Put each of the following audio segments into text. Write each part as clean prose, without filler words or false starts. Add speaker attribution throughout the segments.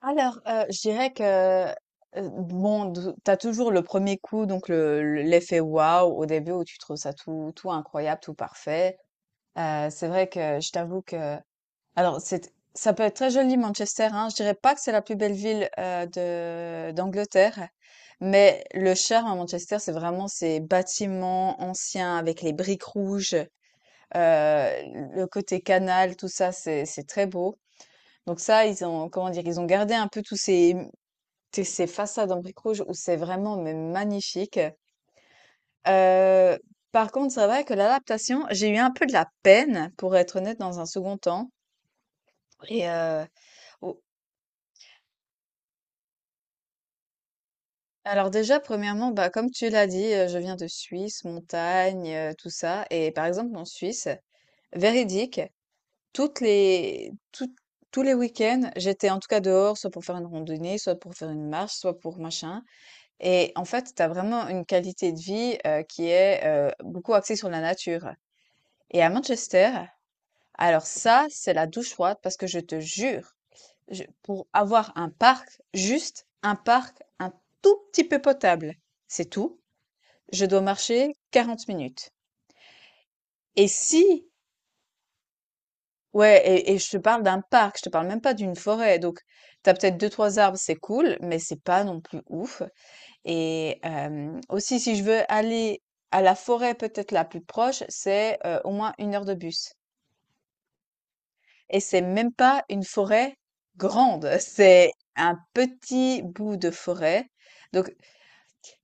Speaker 1: Alors, je dirais que bon, t'as toujours le premier coup, donc l'effet waouh au début où tu trouves ça tout, tout incroyable, tout parfait. C'est vrai que je t'avoue que, ça peut être très joli Manchester, hein. Je dirais pas que c'est la plus belle ville de d'Angleterre, mais le charme à Manchester, c'est vraiment ces bâtiments anciens avec les briques rouges, euh, le côté canal, tout ça, c'est très beau. Donc ça, ils ont, comment dire, ils ont gardé un peu tous ces façades en briques rouges où c'est vraiment mais magnifique. Euh, Par contre, c'est vrai que l'adaptation, j'ai eu un peu de la peine, pour être honnête, dans un second temps. Et au- alors déjà, premièrement, bah, comme tu l'as dit, je viens de Suisse, montagne, tout ça. Et par exemple, en Suisse, véridique, toutes les, tout- tous les week-ends, j'étais en tout cas dehors, soit pour faire une randonnée, soit pour faire une marche, soit pour machin. Et en fait, tu as vraiment une qualité de vie, qui est, beaucoup axée sur la nature. Et à Manchester, alors ça, c'est la douche froide parce que je te jure, je pour avoir un parc, juste un parc un tout petit peu potable, c'est tout, je dois marcher 40 minutes. Et si Ouais, et je te parle d'un parc, je te parle même pas d'une forêt, donc t'as peut-être deux trois arbres, c'est cool, mais c'est pas non plus ouf. Et aussi, si je veux aller à la forêt peut-être la plus proche, c'est, au moins une heure de bus et c'est même pas une forêt grande, c'est un petit bout de forêt. Donc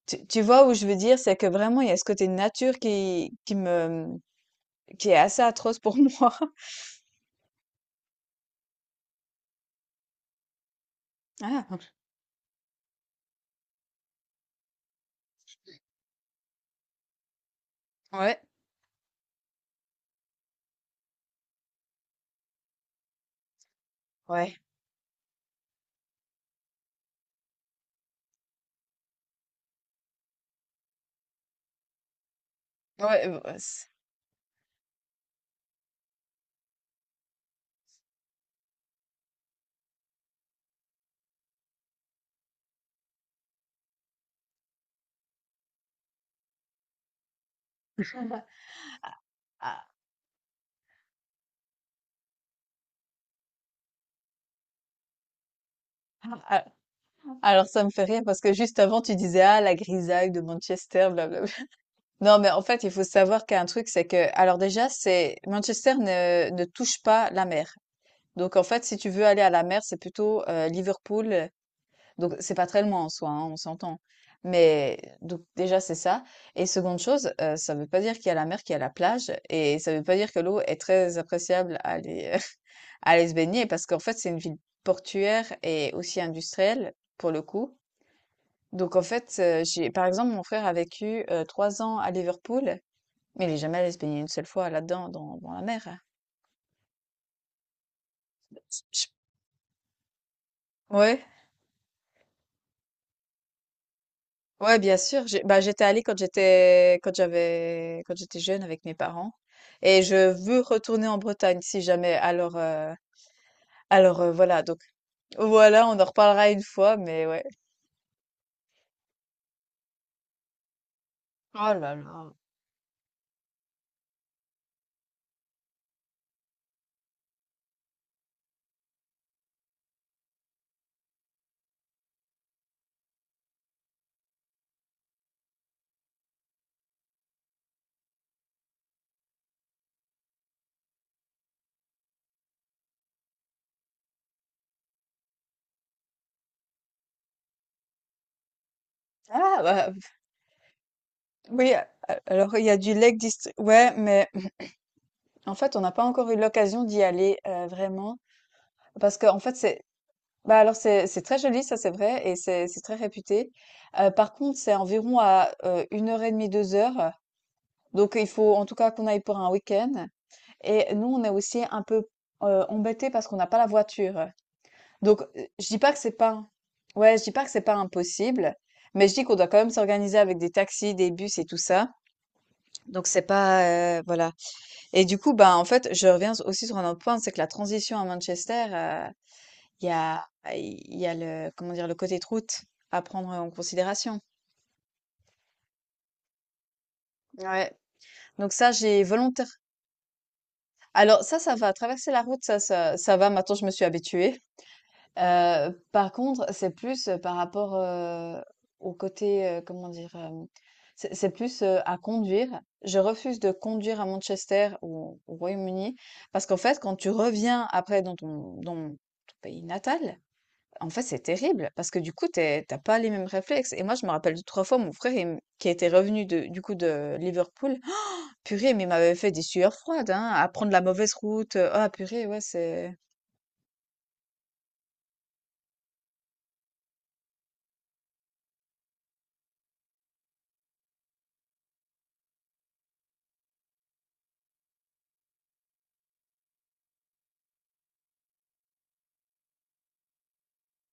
Speaker 1: tu vois où je veux dire? C'est que vraiment il y a ce côté nature qui est assez atroce pour moi. Ah! Ouais. Ouais, ouais, c ah, ah, ah. Alors ça me fait rire parce que juste avant tu disais: «Ah, la grisaille de Manchester, blablabla.» Non, mais en fait, il faut savoir qu'un truc, c'est que, alors déjà, c'est Manchester ne touche pas la mer. Donc, en fait, si tu veux aller à la mer, c'est plutôt Liverpool. Donc, c'est pas très loin en soi, hein, on s'entend. Mais donc déjà, c'est ça. Et seconde chose, ça veut pas dire qu'il y a la mer, qu'il y a la plage, et ça veut pas dire que l'eau est très appréciable à aller, à aller se baigner, parce qu'en fait, c'est une ville portuaire et aussi industrielle pour le coup. Donc en fait, par exemple, mon frère a vécu trois ans à Liverpool. Mais il est jamais allé se baigner une seule fois là-dedans, dans la mer, hein. Je- Ouais, ouais, bien sûr. Bah, j'étais allée quand j'étais jeune avec mes parents. Et je veux retourner en Bretagne si jamais. Alors, voilà. Donc voilà, on en reparlera une fois, mais ouais. Oh là là. Ah bah oui. Alors il y a du Lake District. Ouais, mais en fait, on n'a pas encore eu l'occasion d'y aller vraiment, parce que en fait, c'est bah alors c'est très joli, ça c'est vrai et c'est très réputé. Par contre, c'est environ à, une heure et demie deux heures, donc il faut en tout cas qu'on aille pour un week-end, et nous on est aussi un peu, embêtés parce qu'on n'a pas la voiture. Donc, je dis pas que c'est pas, ouais, je dis pas que c'est pas impossible, mais je dis qu'on doit quand même s'organiser avec des taxis, des bus et tout ça. Donc c'est pas, voilà, et du coup, bah en fait, je reviens aussi sur un autre point, c'est que la transition à Manchester, il y a le comment dire? Le côté de route à prendre en considération. Ouais, donc ça, j'ai volontaire alors ça va, traverser la route, ça va, maintenant je me suis habituée. Par contre, c'est plus, par rapport, au côté, comment dire? C'est plus, à conduire. Je refuse de conduire à Manchester ou au Royaume-Uni parce qu'en fait, quand tu reviens après dans ton pays natal, en fait, c'est terrible parce que du coup, tu es pas les mêmes réflexes, et moi, je me rappelle deux trois fois, mon frère, il m qui était revenu de du coup de Liverpool, ah, purée, mais il m'avait fait des sueurs froides, hein, à prendre la mauvaise route, oh, ah purée, ouais, c'est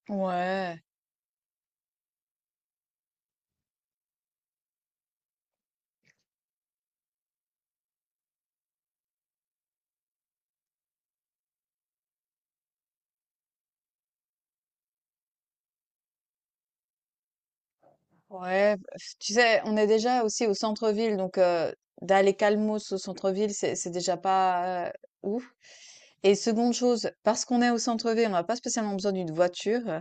Speaker 1: ouais, ouais, tu sais, on est déjà aussi au centre-ville, donc d'aller calmos au centre-ville, c'est déjà pas ouf, et seconde chose, parce qu'on est au centre-ville, on n'a pas spécialement besoin d'une voiture.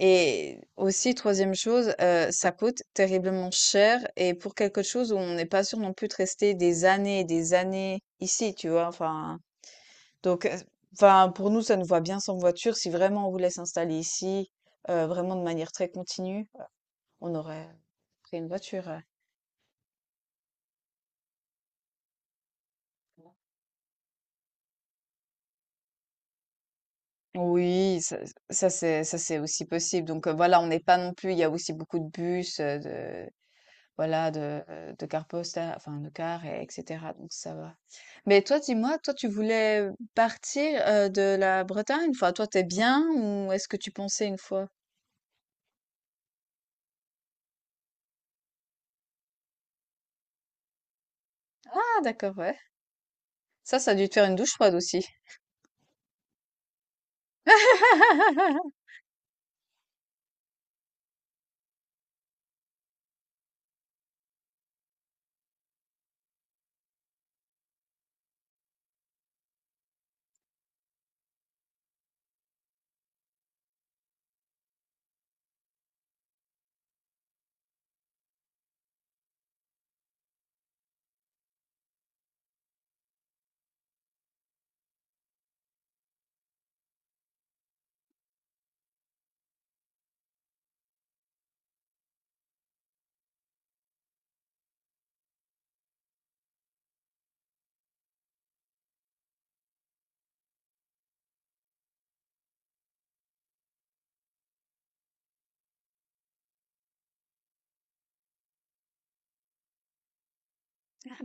Speaker 1: Et aussi, troisième chose, ça coûte terriblement cher et pour quelque chose où on n'est pas sûr non plus de rester des années et des années ici, tu vois? Enfin, donc, enfin, pour nous, ça nous va bien sans voiture. Si vraiment on voulait s'installer ici, vraiment de manière très continue, on aurait pris une voiture, ouais. Oui, ça c'est aussi possible, donc, voilà, on n'est pas non plus, il y a aussi beaucoup de bus, de voilà, de cars posta enfin de car et etc, donc ça va. Mais toi, dis-moi, toi, tu voulais partir, de la Bretagne? Une fois, toi, t'es bien, ou est-ce que tu pensais une fois? Ah d'accord, ouais. Ça a dû te faire une douche froide aussi.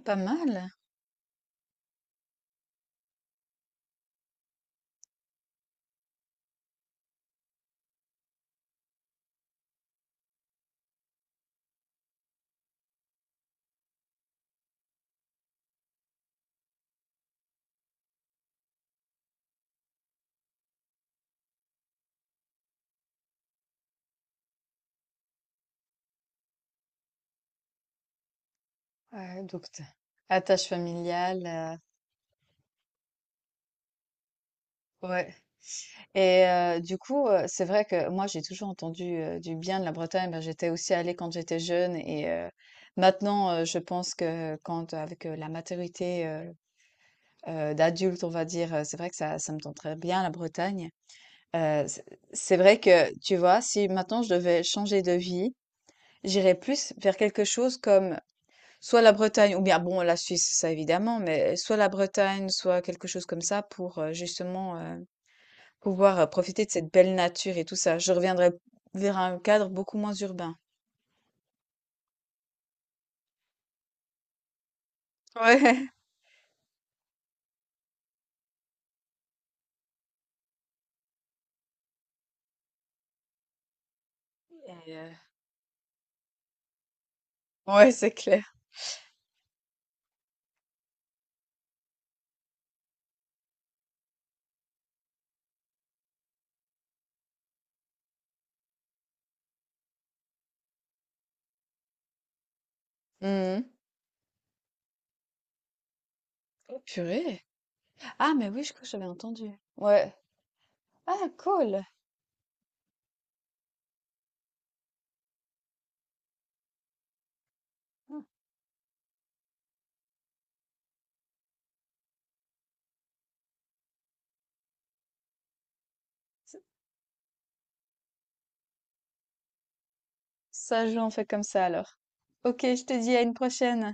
Speaker 1: Pas mal. Ouais, donc tu attache familiale, ouais, et du coup, c'est vrai que moi, j'ai toujours entendu, du bien de la Bretagne. Ben, j'étais aussi allée quand j'étais jeune, et maintenant, je pense que quand avec, la maturité, d'adulte, on va dire, c'est vrai que ça me tenterait bien, la Bretagne. Heu, c'est c'est vrai que, tu vois, si maintenant je devais changer de vie, j'irais plus vers quelque chose comme soit la Bretagne, ou bien bon la Suisse, ça évidemment, mais soit la Bretagne, soit quelque chose comme ça pour, justement, pouvoir, profiter de cette belle nature et tout ça. Je reviendrais vers un cadre beaucoup moins urbain. Ouais. Et ouais, c'est clair. Mmh Purée. Ah mais oui, je crois que j'avais entendu. Ouais. Ah cool. Mmh. Ça joue, on fait comme ça alors. Ok, je te dis à une prochaine.